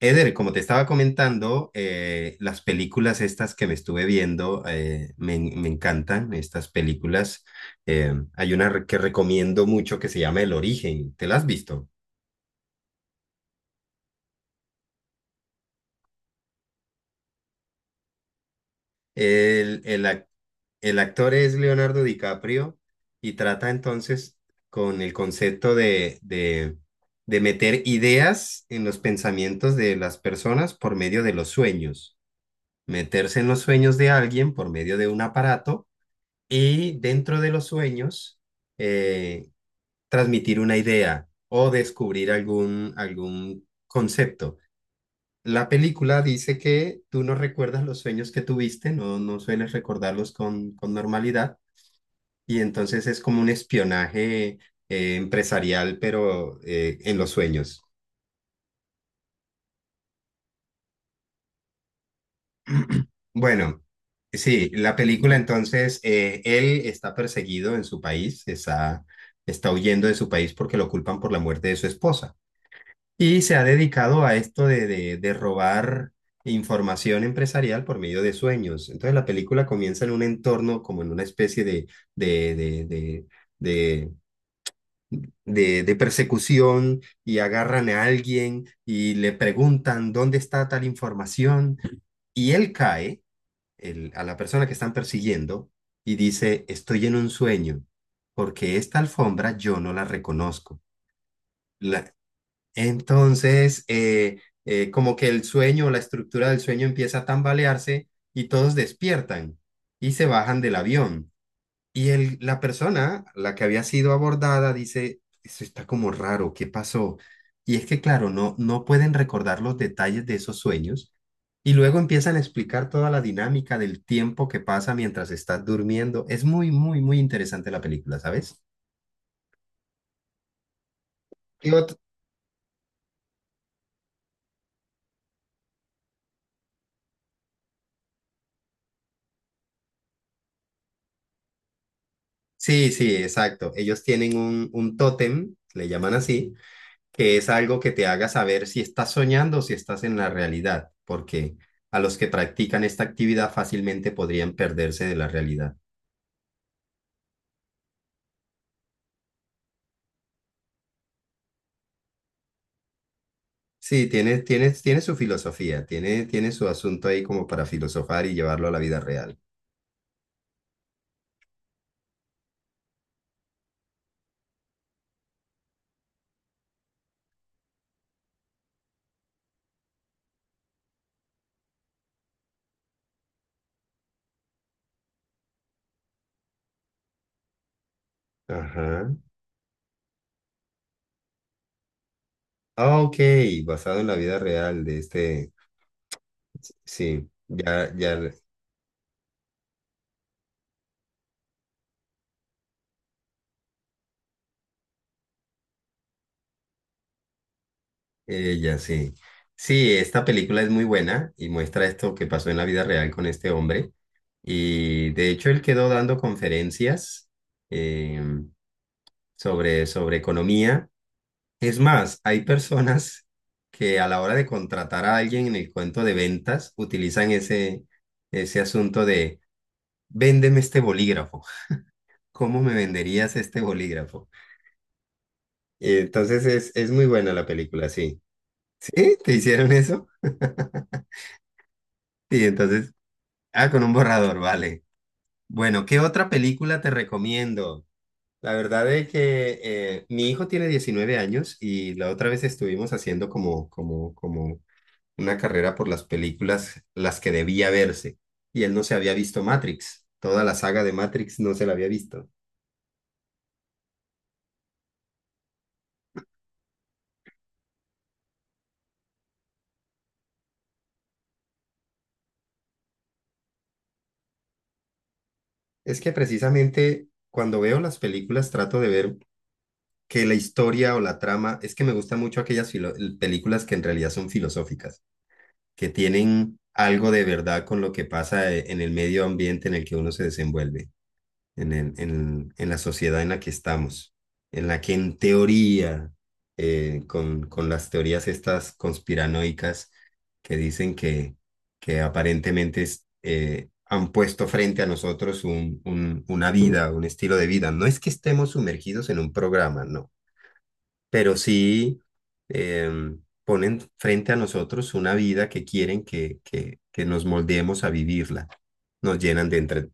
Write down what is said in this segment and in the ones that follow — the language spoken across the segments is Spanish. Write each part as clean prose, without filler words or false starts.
Eder, como te estaba comentando, las películas estas que me estuve viendo. Me encantan estas películas. Hay una que recomiendo mucho que se llama El Origen, ¿te la has visto? El, el, ac- el actor es Leonardo DiCaprio y trata entonces con el concepto de meter ideas en los pensamientos de las personas por medio de los sueños, meterse en los sueños de alguien por medio de un aparato y dentro de los sueños eh, transmitir una idea o descubrir algún concepto. La película dice que tú no recuerdas los sueños que tuviste, no, no sueles recordarlos con normalidad, y entonces es como un espionaje empresarial, pero en los sueños. Bueno. Sí, la película entonces, él está perseguido en su país, está huyendo de su país porque lo culpan por la muerte de su esposa. Y se ha dedicado a esto de robar información empresarial por medio de sueños. Entonces la película comienza en un entorno como en una especie de, de, de, de, de persecución, y agarran a alguien y le preguntan dónde está tal información, y él cae, a la persona que están persiguiendo, y dice, estoy en un sueño porque esta alfombra yo no la reconozco. La- entonces, como que el sueño, la estructura del sueño empieza a tambalearse y todos despiertan y se bajan del avión. Y la persona, la que había sido abordada, dice, eso está como raro, ¿qué pasó? Y es que, claro, no, no pueden recordar los detalles de esos sueños. Y luego empiezan a explicar toda la dinámica del tiempo que pasa mientras estás durmiendo. Es muy, muy, muy interesante la película, ¿sabes? ¿Qué ot- Sí, sí, exacto. Ellos tienen un tótem, le llaman así, que es algo que te haga saber si estás soñando o si estás en la realidad, porque a los que practican esta actividad fácilmente podrían perderse de la realidad. Sí, tiene su filosofía, tiene su asunto ahí como para filosofar y llevarlo a la vida real. Ajá. Ah, ok, basado en la vida real de este. Sí, ya, ya. Ella, sí. Sí, esta película es muy buena y muestra esto que pasó en la vida real con este hombre. Y de hecho, él quedó dando conferencias eh, sobre economía. Es más, hay personas que a la hora de contratar a alguien en el cuento de ventas utilizan ese asunto de véndeme este bolígrafo. ¿Cómo me venderías este bolígrafo? Entonces es muy buena la película, sí. ¿Sí? ¿Te hicieron eso? Y entonces ah, con un borrador, vale. Bueno, ¿qué otra película te recomiendo? La verdad es que mi hijo tiene 19 años, y la otra vez estuvimos haciendo como una carrera por las películas, las que debía verse. Y él no se había visto Matrix. Toda la saga de Matrix no se la había visto. Es que precisamente cuando veo las películas trato de ver que la historia o la trama, es que me gustan mucho aquellas películas que en realidad son filosóficas, que tienen algo de verdad con lo que pasa en el medio ambiente en el que uno se desenvuelve, en la sociedad en la que estamos, en la que en teoría, con las teorías estas conspiranoicas que dicen que aparentemente han puesto frente a nosotros una vida, un estilo de vida. No es que estemos sumergidos en un programa, no, pero sí ponen frente a nosotros una vida que quieren que nos moldeemos a vivirla. Nos llenan de,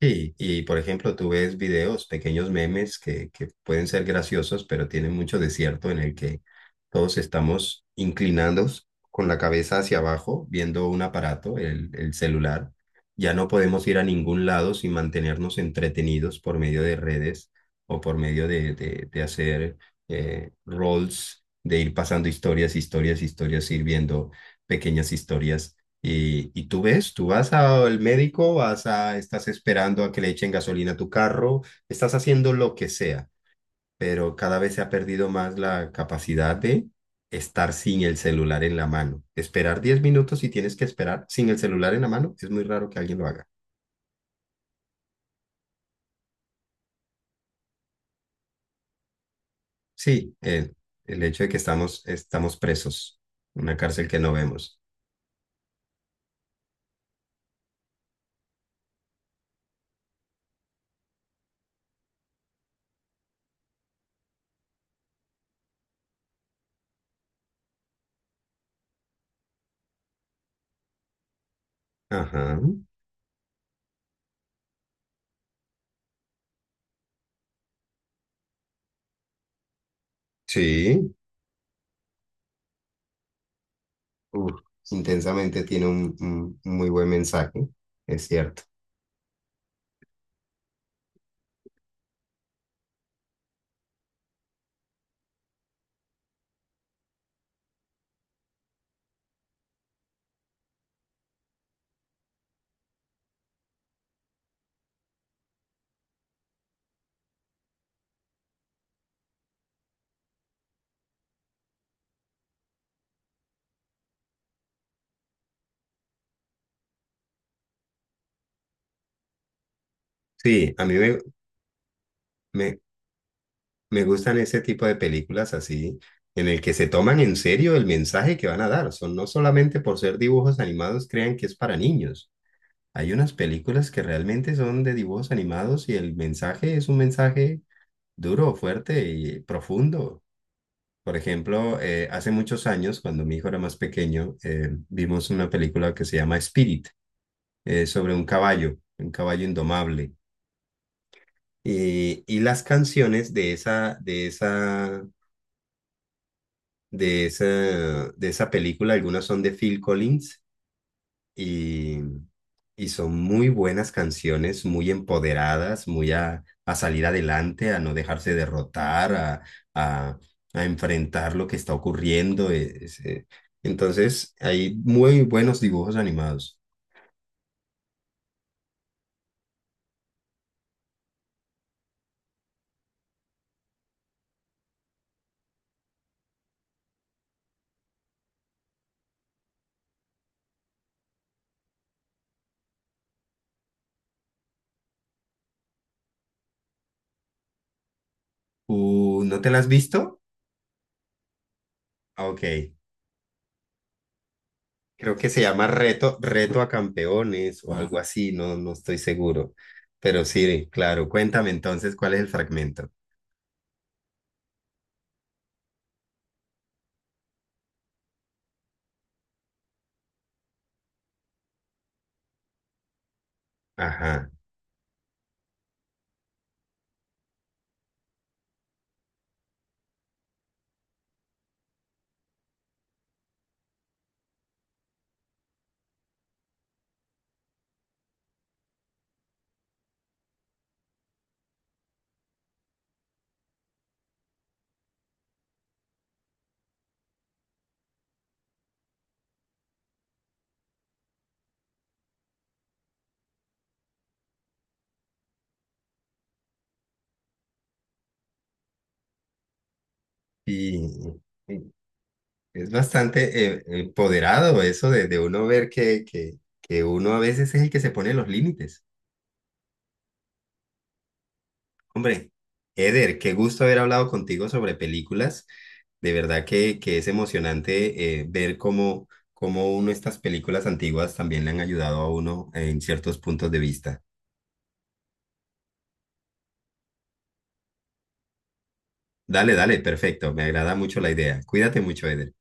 Sí, y por ejemplo, tú ves videos, pequeños memes que pueden ser graciosos, pero tienen mucho desierto en el que todos estamos inclinados con la cabeza hacia abajo, viendo un aparato, el celular. Ya no podemos ir a ningún lado sin mantenernos entretenidos por medio de redes o por medio de hacer rolls, de ir pasando historias, historias, historias, ir viendo pequeñas historias. Y tú ves, tú vas al médico, vas a, estás esperando a que le echen gasolina a tu carro, estás haciendo lo que sea, pero cada vez se ha perdido más la capacidad de estar sin el celular en la mano. Esperar 10 minutos y tienes que esperar sin el celular en la mano, es muy raro que alguien lo haga. Sí, el hecho de que estamos presos, una cárcel que no vemos. Ajá, sí, uf, intensamente tiene un muy buen mensaje, es cierto. Sí, a mí me, me, me gustan ese tipo de películas así, en el que se toman en serio el mensaje que van a dar. Son no solamente por ser dibujos animados, crean que es para niños. Hay unas películas que realmente son de dibujos animados y el mensaje es un mensaje duro, fuerte y profundo. Por ejemplo, hace muchos años, cuando mi hijo era más pequeño, vimos una película que se llama Spirit, sobre un caballo indomable. Y las canciones de esa película. Algunas son de Phil Collins y, y son muy buenas canciones, muy empoderadas, muy a salir adelante, a no dejarse derrotar, a, a enfrentar lo que está ocurriendo. Entonces, hay muy buenos dibujos animados. ¿No te la has visto? Ah, ok. Creo que se llama Reto, Reto a Campeones o algo así, no, no estoy seguro. Pero sí, claro, cuéntame entonces cuál es el fragmento. Ajá. Y, y es bastante empoderado eso de uno ver que uno a veces es el que se pone los límites. Hombre, Eder, qué gusto haber hablado contigo sobre películas. De verdad que es emocionante cómo uno estas películas antiguas también le han ayudado a uno en ciertos puntos de vista. Dale, dale, perfecto. Me agrada mucho la idea. Cuídate mucho, Eder.